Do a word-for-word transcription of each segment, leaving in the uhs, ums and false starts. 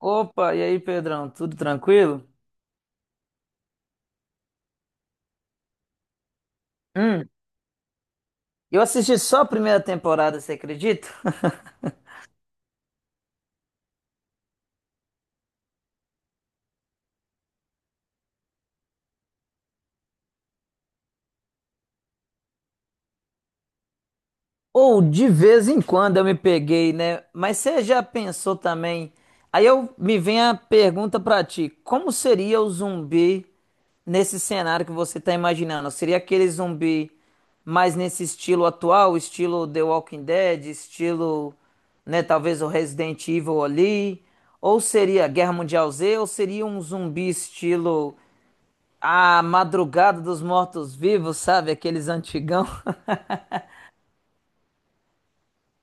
Opa, e aí, Pedrão, tudo tranquilo? Hum, eu assisti só a primeira temporada, você acredita? Ou de vez em quando eu me peguei, né? Mas você já pensou também? Aí eu me vem a pergunta pra ti, como seria o zumbi nesse cenário que você tá imaginando? Seria aquele zumbi mais nesse estilo atual, estilo The Walking Dead, estilo, né, talvez o Resident Evil ali, ou seria Guerra Mundial Z, ou seria um zumbi estilo A Madrugada dos Mortos-Vivos, sabe? Aqueles antigão.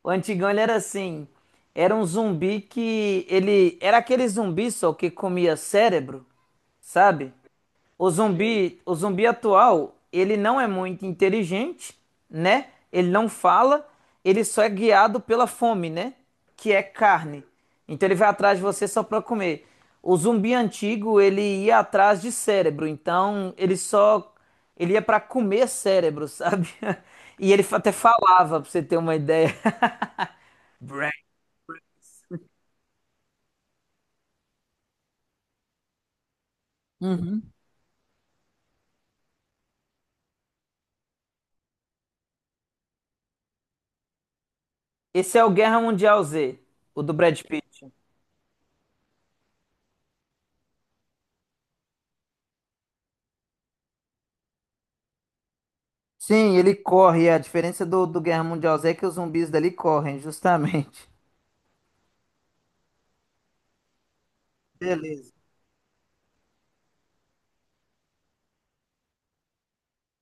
O antigão, ele era assim, era um zumbi que ele era aquele zumbi só que comia cérebro, sabe? O zumbi, o zumbi atual, ele não é muito inteligente, né? Ele não fala, ele só é guiado pela fome, né? Que é carne. Então ele vai atrás de você só para comer. O zumbi antigo, ele ia atrás de cérebro, então ele só ele ia para comer cérebro, sabe? E ele fa- até falava, pra você ter uma ideia. Brain. Uhum. Esse é o Guerra Mundial Z, o do Brad Pitt. Sim, ele corre. É. A diferença do, do Guerra Mundial Z é que os zumbis dali correm, justamente. Beleza.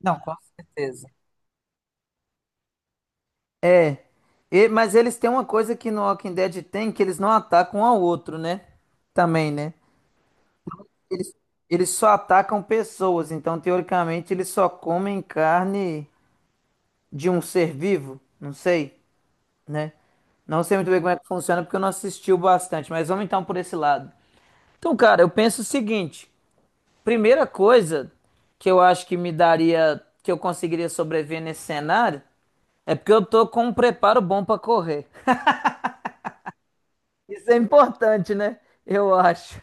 Não, com certeza. É. E, mas eles têm uma coisa que no Walking Dead tem, que eles não atacam um ao outro, né? Também, né? Eles, eles só atacam pessoas, então teoricamente eles só comem carne de um ser vivo, não sei, né? Não sei muito bem como é que funciona porque eu não assisti o bastante, mas vamos então por esse lado. Então, cara, eu penso o seguinte. Primeira coisa que eu acho que me daria, que eu conseguiria sobreviver nesse cenário, é porque eu tô com um preparo bom pra correr. Isso é importante, né? Eu acho.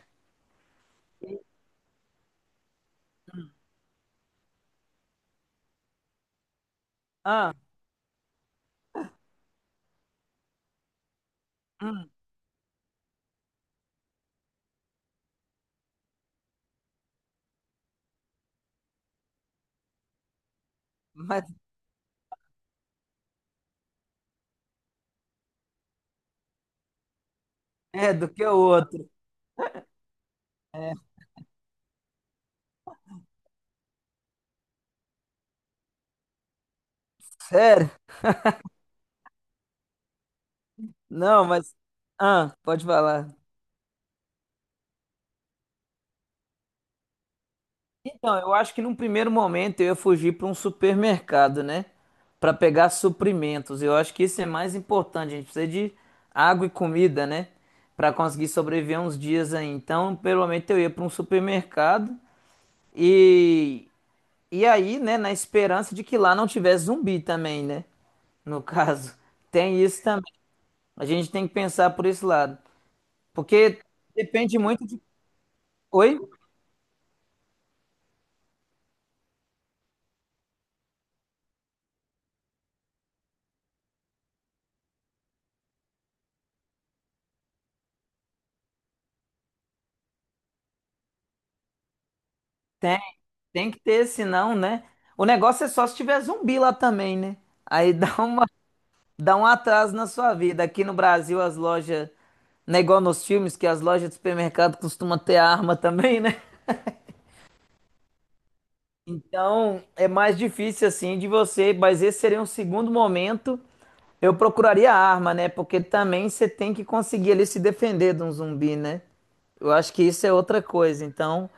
Ah, mas é do que o outro. É, sério? Não, mas. Ah, pode falar. Então, eu acho que num primeiro momento eu ia fugir para um supermercado, né? Para pegar suprimentos. Eu acho que isso é mais importante. A gente precisa de água e comida, né? Para conseguir sobreviver uns dias aí. Então, pelo menos eu ia para um supermercado e e aí, né, na esperança de que lá não tivesse zumbi também, né? No caso, tem isso também. A gente tem que pensar por esse lado, porque depende muito de. Oi? Tem. Tem que ter, senão, né? O negócio é só se tiver zumbi lá também, né? Aí dá uma, dá um atraso na sua vida. Aqui no Brasil, as lojas, não é igual nos filmes, que as lojas de supermercado costumam ter arma também, né? Então, é mais difícil assim de você, mas esse seria um segundo momento. Eu procuraria a arma, né? Porque também você tem que conseguir ali se defender de um zumbi, né? Eu acho que isso é outra coisa. Então,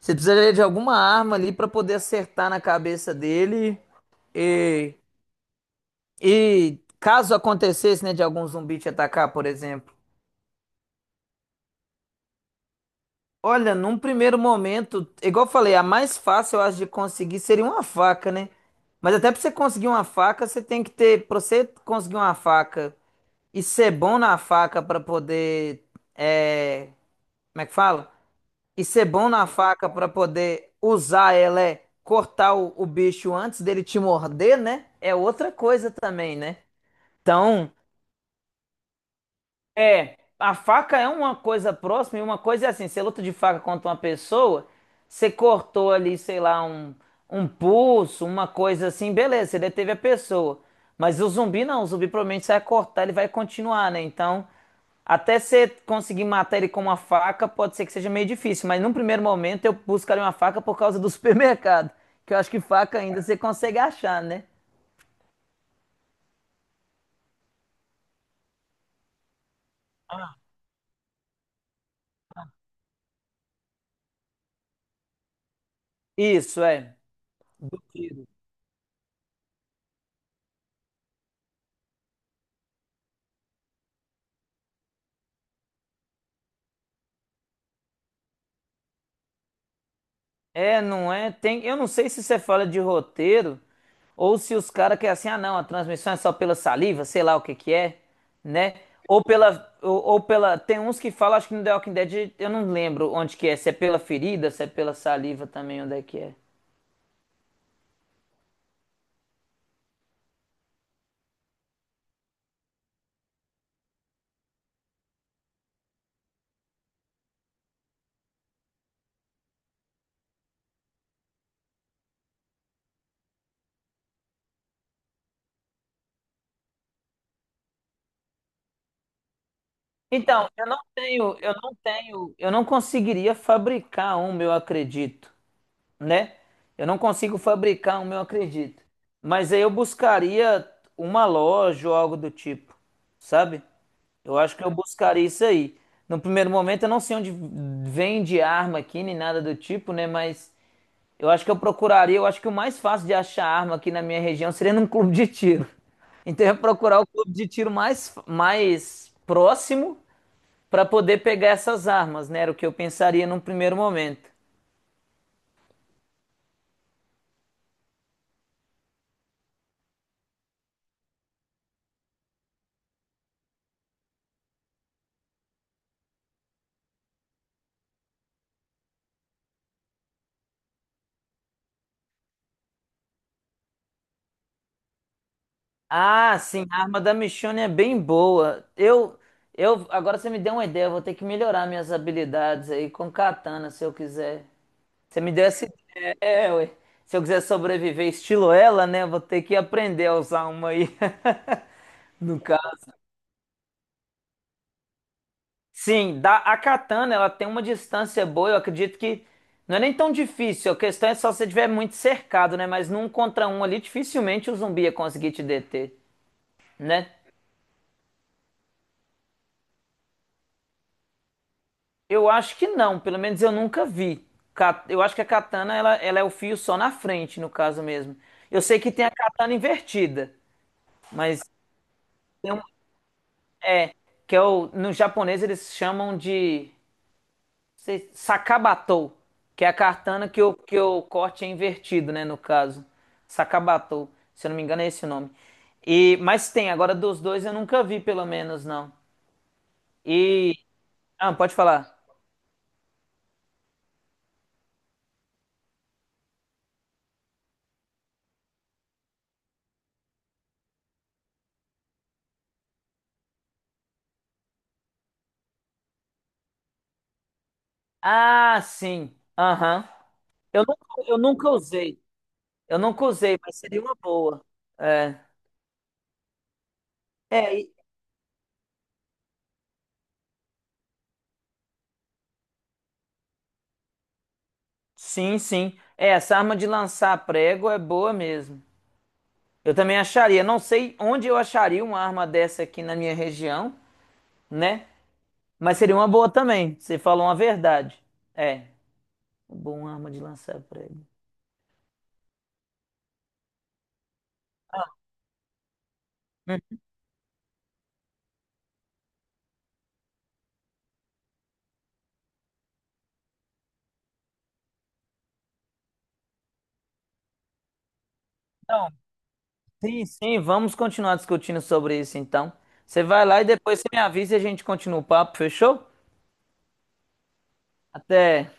você precisaria de alguma arma ali para poder acertar na cabeça dele e E caso acontecesse, né, de algum zumbi te atacar, por exemplo. Olha, num primeiro momento, igual eu falei, a mais fácil, eu acho, de conseguir seria uma faca, né? Mas até pra você conseguir uma faca, você tem que ter. Pra você conseguir uma faca e ser bom na faca pra poder. É, como é que fala? E ser bom na faca pra poder usar ela é cortar o, o bicho antes dele te morder, né? É outra coisa também, né? Então. É, a faca é uma coisa próxima e uma coisa é assim, você luta de faca contra uma pessoa, você cortou ali, sei lá, um, um pulso, uma coisa assim, beleza, você deteve a pessoa. Mas o zumbi não, o zumbi provavelmente você vai cortar, ele vai continuar, né? Então, até você conseguir matar ele com uma faca, pode ser que seja meio difícil, mas num primeiro momento eu buscaria uma faca por causa do supermercado, que eu acho que faca ainda você consegue achar, né? Isso, é. É, não é? Tem, eu não sei se você fala de roteiro ou se os caras querem assim, ah, não, a transmissão é só pela saliva, sei lá o que que é, né? Ou pela, ou, ou pela, tem uns que falam, acho que no The Walking Dead, eu não lembro onde que é, se é pela ferida, se é pela saliva também, onde é que é. Então, eu não tenho, eu não tenho, eu não conseguiria fabricar um, eu acredito. Né? Eu não consigo fabricar o meu, acredito. Mas aí eu buscaria uma loja ou algo do tipo, sabe? Eu acho que eu buscaria isso aí. No primeiro momento, eu não sei onde vende arma aqui, nem nada do tipo, né? Mas eu acho que eu procuraria. Eu acho que o mais fácil de achar arma aqui na minha região seria num clube de tiro. Então, eu ia procurar o clube de tiro mais, mais próximo para poder pegar essas armas, né? Era o que eu pensaria num primeiro momento. Ah, sim, a arma da Michonne é bem boa. Eu, eu, agora você me deu uma ideia, eu vou ter que melhorar minhas habilidades aí com katana, se eu quiser. Você me deu essa ideia, é, ué. Se eu quiser sobreviver estilo ela, né, eu vou ter que aprender a usar uma aí, no caso. Sim, da, a katana, ela tem uma distância boa, eu acredito que não é nem tão difícil, a questão é só se você estiver muito cercado, né, mas num contra um ali, dificilmente o zumbi ia conseguir te deter, né? Eu acho que não, pelo menos eu nunca vi. Ca- Eu acho que a katana ela, ela é o fio só na frente, no caso mesmo. Eu sei que tem a katana invertida, mas tem um, é que é o, no japonês eles chamam de sei- sakabatou, que é a katana que o que o corte é invertido, né, no caso. Sakabatou, se eu não me engano é esse o nome. E mas tem, agora dos dois eu nunca vi, pelo menos não. E ah, pode falar. Ah, sim. Aham. Eu nunca, eu nunca usei. Eu nunca usei, mas seria uma boa. É. É, e- sim, sim. É, essa arma de lançar prego é boa mesmo. Eu também acharia. Não sei onde eu acharia uma arma dessa aqui na minha região, né? Mas seria uma boa também. Você falou uma verdade. É, bom arma de lançar prego. Então, sim, sim, vamos continuar discutindo sobre isso então. Você vai lá e depois você me avisa e a gente continua o papo, fechou? Até.